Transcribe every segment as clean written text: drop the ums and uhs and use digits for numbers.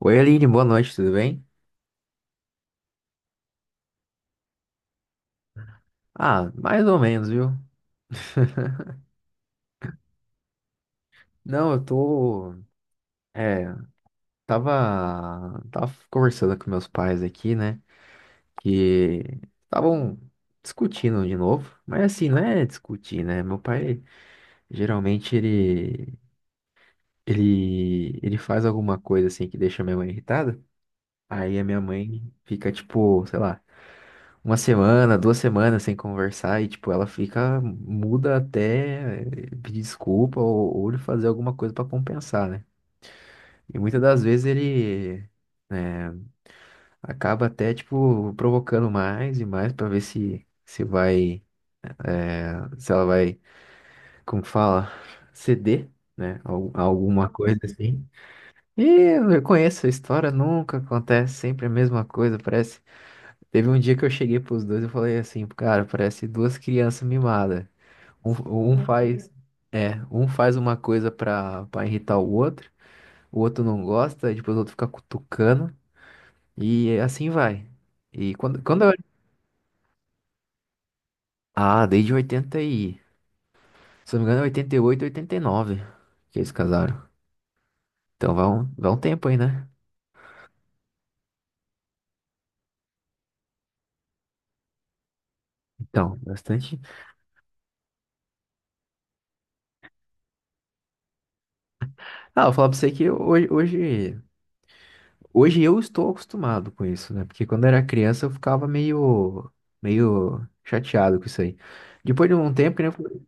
Oi, Aline, boa noite, tudo bem? Ah, mais ou menos, viu? Não, eu tô. É, tava. Tava conversando com meus pais aqui, né? Que estavam discutindo de novo. Mas assim, não é discutir, né? Meu pai, geralmente, ele faz alguma coisa assim que deixa minha mãe irritada. Aí a minha mãe fica tipo, sei lá, uma semana, 2 semanas sem conversar e, tipo, ela fica muda até pedir desculpa ou ele fazer alguma coisa pra compensar, né? E muitas das vezes ele, né, acaba até, tipo, provocando mais e mais pra ver se vai, se ela vai, como que fala, ceder, né? Alguma coisa assim. E eu conheço a história, nunca acontece, sempre a mesma coisa, parece. Teve um dia que eu cheguei pros dois e falei assim, cara, parece duas crianças mimadas. Um, um faz uma coisa pra irritar o outro não gosta, e depois o outro fica cutucando, e assim vai. E quando eu... Ah, desde 80 e... Se eu não me engano, é 88, 89 que eles casaram. Então vai um tempo aí, né? Então, bastante... Ah, eu vou falar pra você que hoje eu estou acostumado com isso, né? Porque quando eu era criança eu ficava meio chateado com isso aí. Depois de um tempo, que nem eu.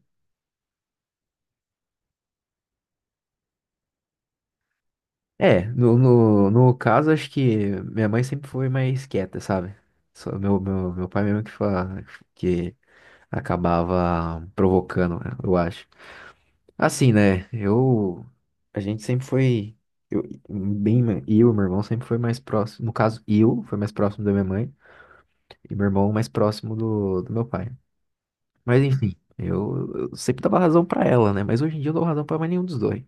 É, no caso, acho que minha mãe sempre foi mais quieta, sabe? Só meu pai mesmo que acabava provocando, né, eu acho. Assim, né? Eu. A gente sempre foi. Eu, bem, eu e meu irmão sempre foi mais próximo. No caso, eu foi mais próximo da minha mãe e meu irmão mais próximo do meu pai. Mas enfim, eu sempre dava razão pra ela, né? Mas hoje em dia eu não dou razão pra mais nenhum dos dois.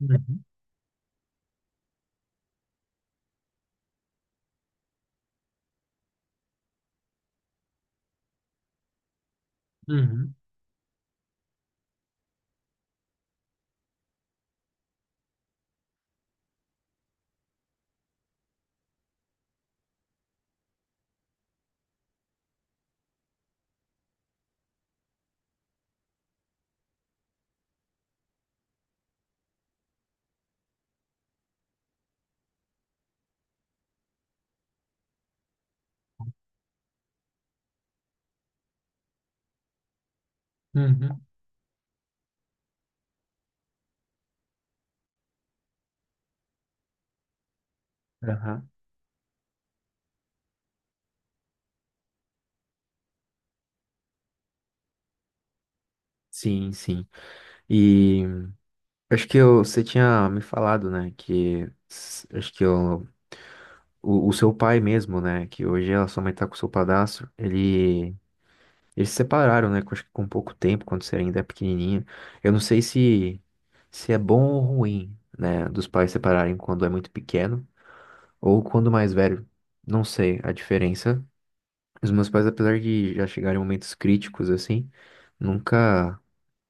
Uhum, uhum, uhum, aham. Sim, sim. E. Acho que você tinha me falado, né, que o seu pai mesmo, né, que hoje a sua mãe tá com o seu padrasto, eles se separaram, né, acho que com pouco tempo, quando você ainda é pequenininho. Eu não sei se é bom ou ruim, né, dos pais separarem quando é muito pequeno ou quando mais velho. Não sei a diferença. Os meus pais, apesar de já chegarem em momentos críticos, assim, nunca,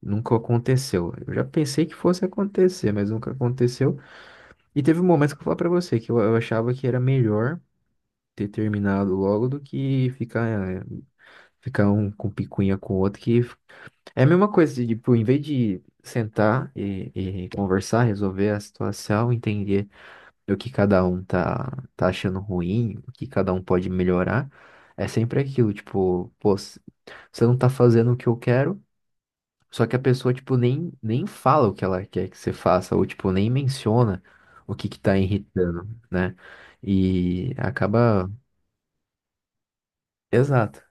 nunca aconteceu. Eu já pensei que fosse acontecer, mas nunca aconteceu. E teve um momento que eu falei pra você que eu achava que era melhor ter terminado logo do que ficar um com picuinha com o outro, é a mesma coisa, de, tipo, em vez de sentar e conversar, resolver a situação, entender o que cada um tá achando ruim, o que cada um pode melhorar, é sempre aquilo, tipo, pô, você não tá fazendo o que eu quero, só que a pessoa, tipo, nem fala o que ela quer que você faça, ou, tipo, nem menciona o que que tá irritando, né? E acaba. Exato.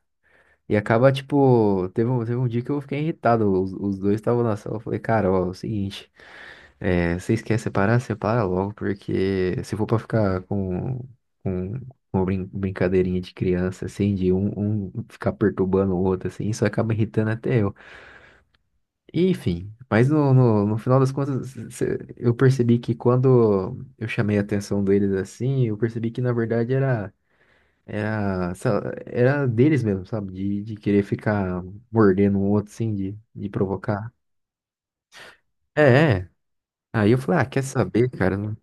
E acaba, tipo, teve um dia que eu fiquei irritado. Os dois estavam na sala. Eu falei, cara, ó, é o seguinte, vocês querem separar? Separa logo, porque se for pra ficar com uma brincadeirinha de criança, assim, de um ficar perturbando o outro, assim, isso acaba irritando até eu. Enfim, mas no final das contas, eu percebi que quando eu chamei a atenção deles assim, eu percebi que na verdade era deles mesmo, sabe? De querer ficar mordendo o outro, assim, de provocar. É, é. Aí eu falei, ah, quer saber, cara? Não-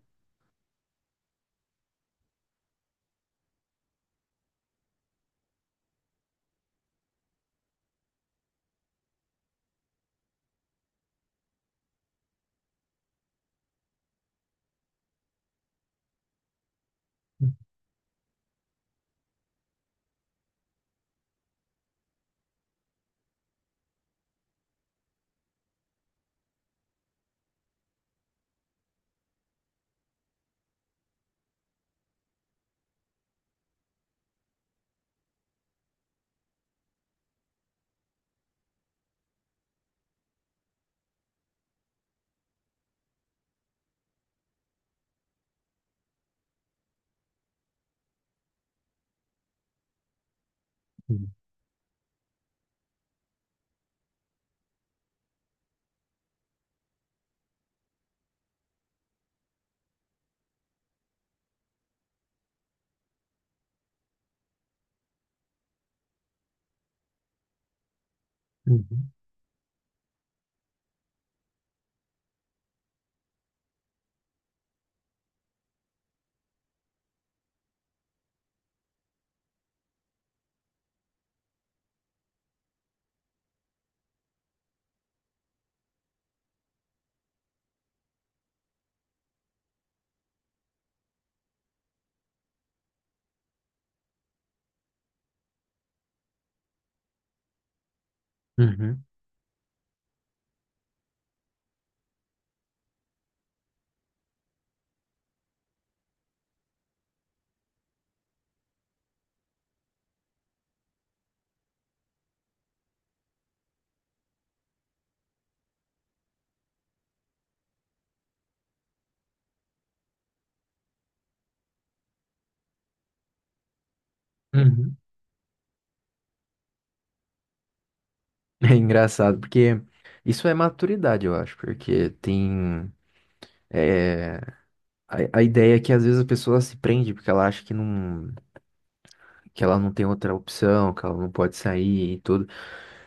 Uhum, uhum, uhum, uhum. É engraçado, porque isso é maturidade, eu acho, porque tem. é, a ideia é que às vezes a pessoa se prende porque ela acha que não. Que ela não tem outra opção, que ela não pode sair e tudo.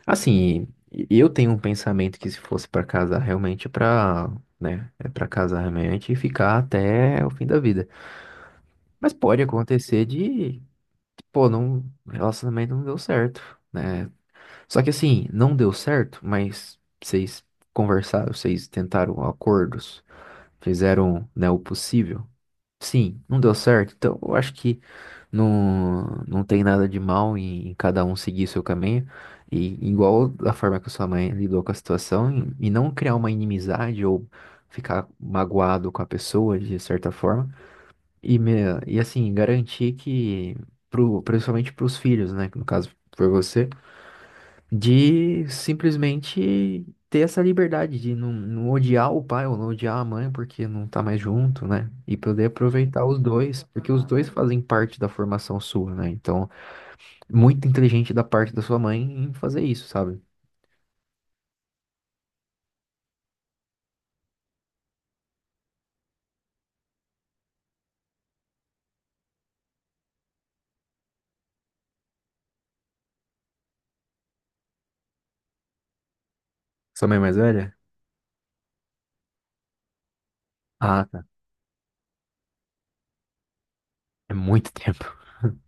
Assim, eu tenho um pensamento que se fosse pra casar realmente é pra, né, é para casar realmente e ficar até o fim da vida. Mas pode acontecer de, pô, não, o relacionamento não deu certo, né? Só que assim, não deu certo, mas vocês conversaram, vocês tentaram acordos, fizeram, né, o possível. Sim, não deu certo, então eu acho que não, não tem nada de mal em cada um seguir seu caminho. E igual da forma que a sua mãe lidou com a situação, e não criar uma inimizade ou ficar magoado com a pessoa de certa forma. E, me, e assim, garantir que, principalmente para os filhos, né? Que no caso foi você, de simplesmente ter essa liberdade de não odiar o pai ou não odiar a mãe porque não tá mais junto, né? E poder aproveitar os dois, porque os dois fazem parte da formação sua, né? Então. Muito inteligente da parte da sua mãe em fazer isso, sabe? Sua mãe é mais velha? Ah, tá. É muito tempo.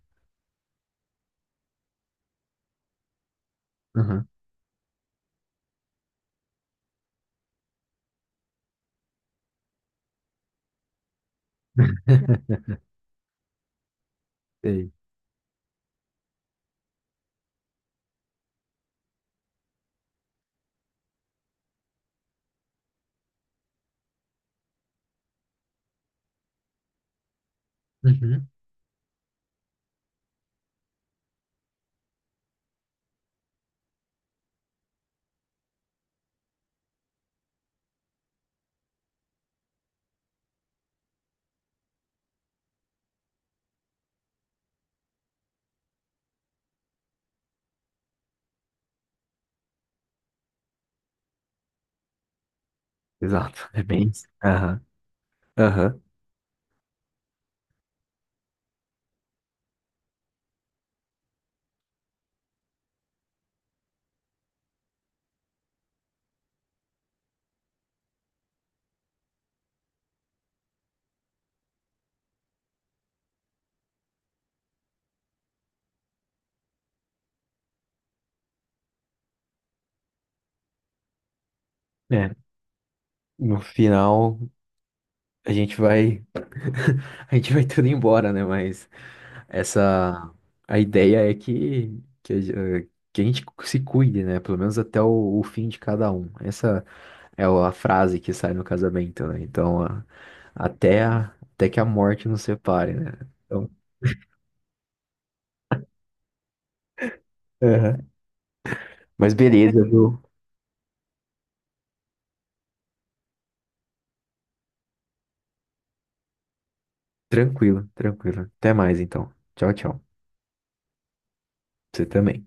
Uhum. Sei. Uhum. Exato. É bem isso. Aham. Aham. É. No final, a gente vai. A gente vai tudo embora, né? Mas. Essa A ideia é que a gente se cuide, né? Pelo menos até o fim de cada um. Essa é a frase que sai no casamento, né? Então, até que a morte nos separe, né? Então, aham. Mas beleza, viu? Tranquilo, tranquilo. Até mais, então. Tchau, tchau. Você também.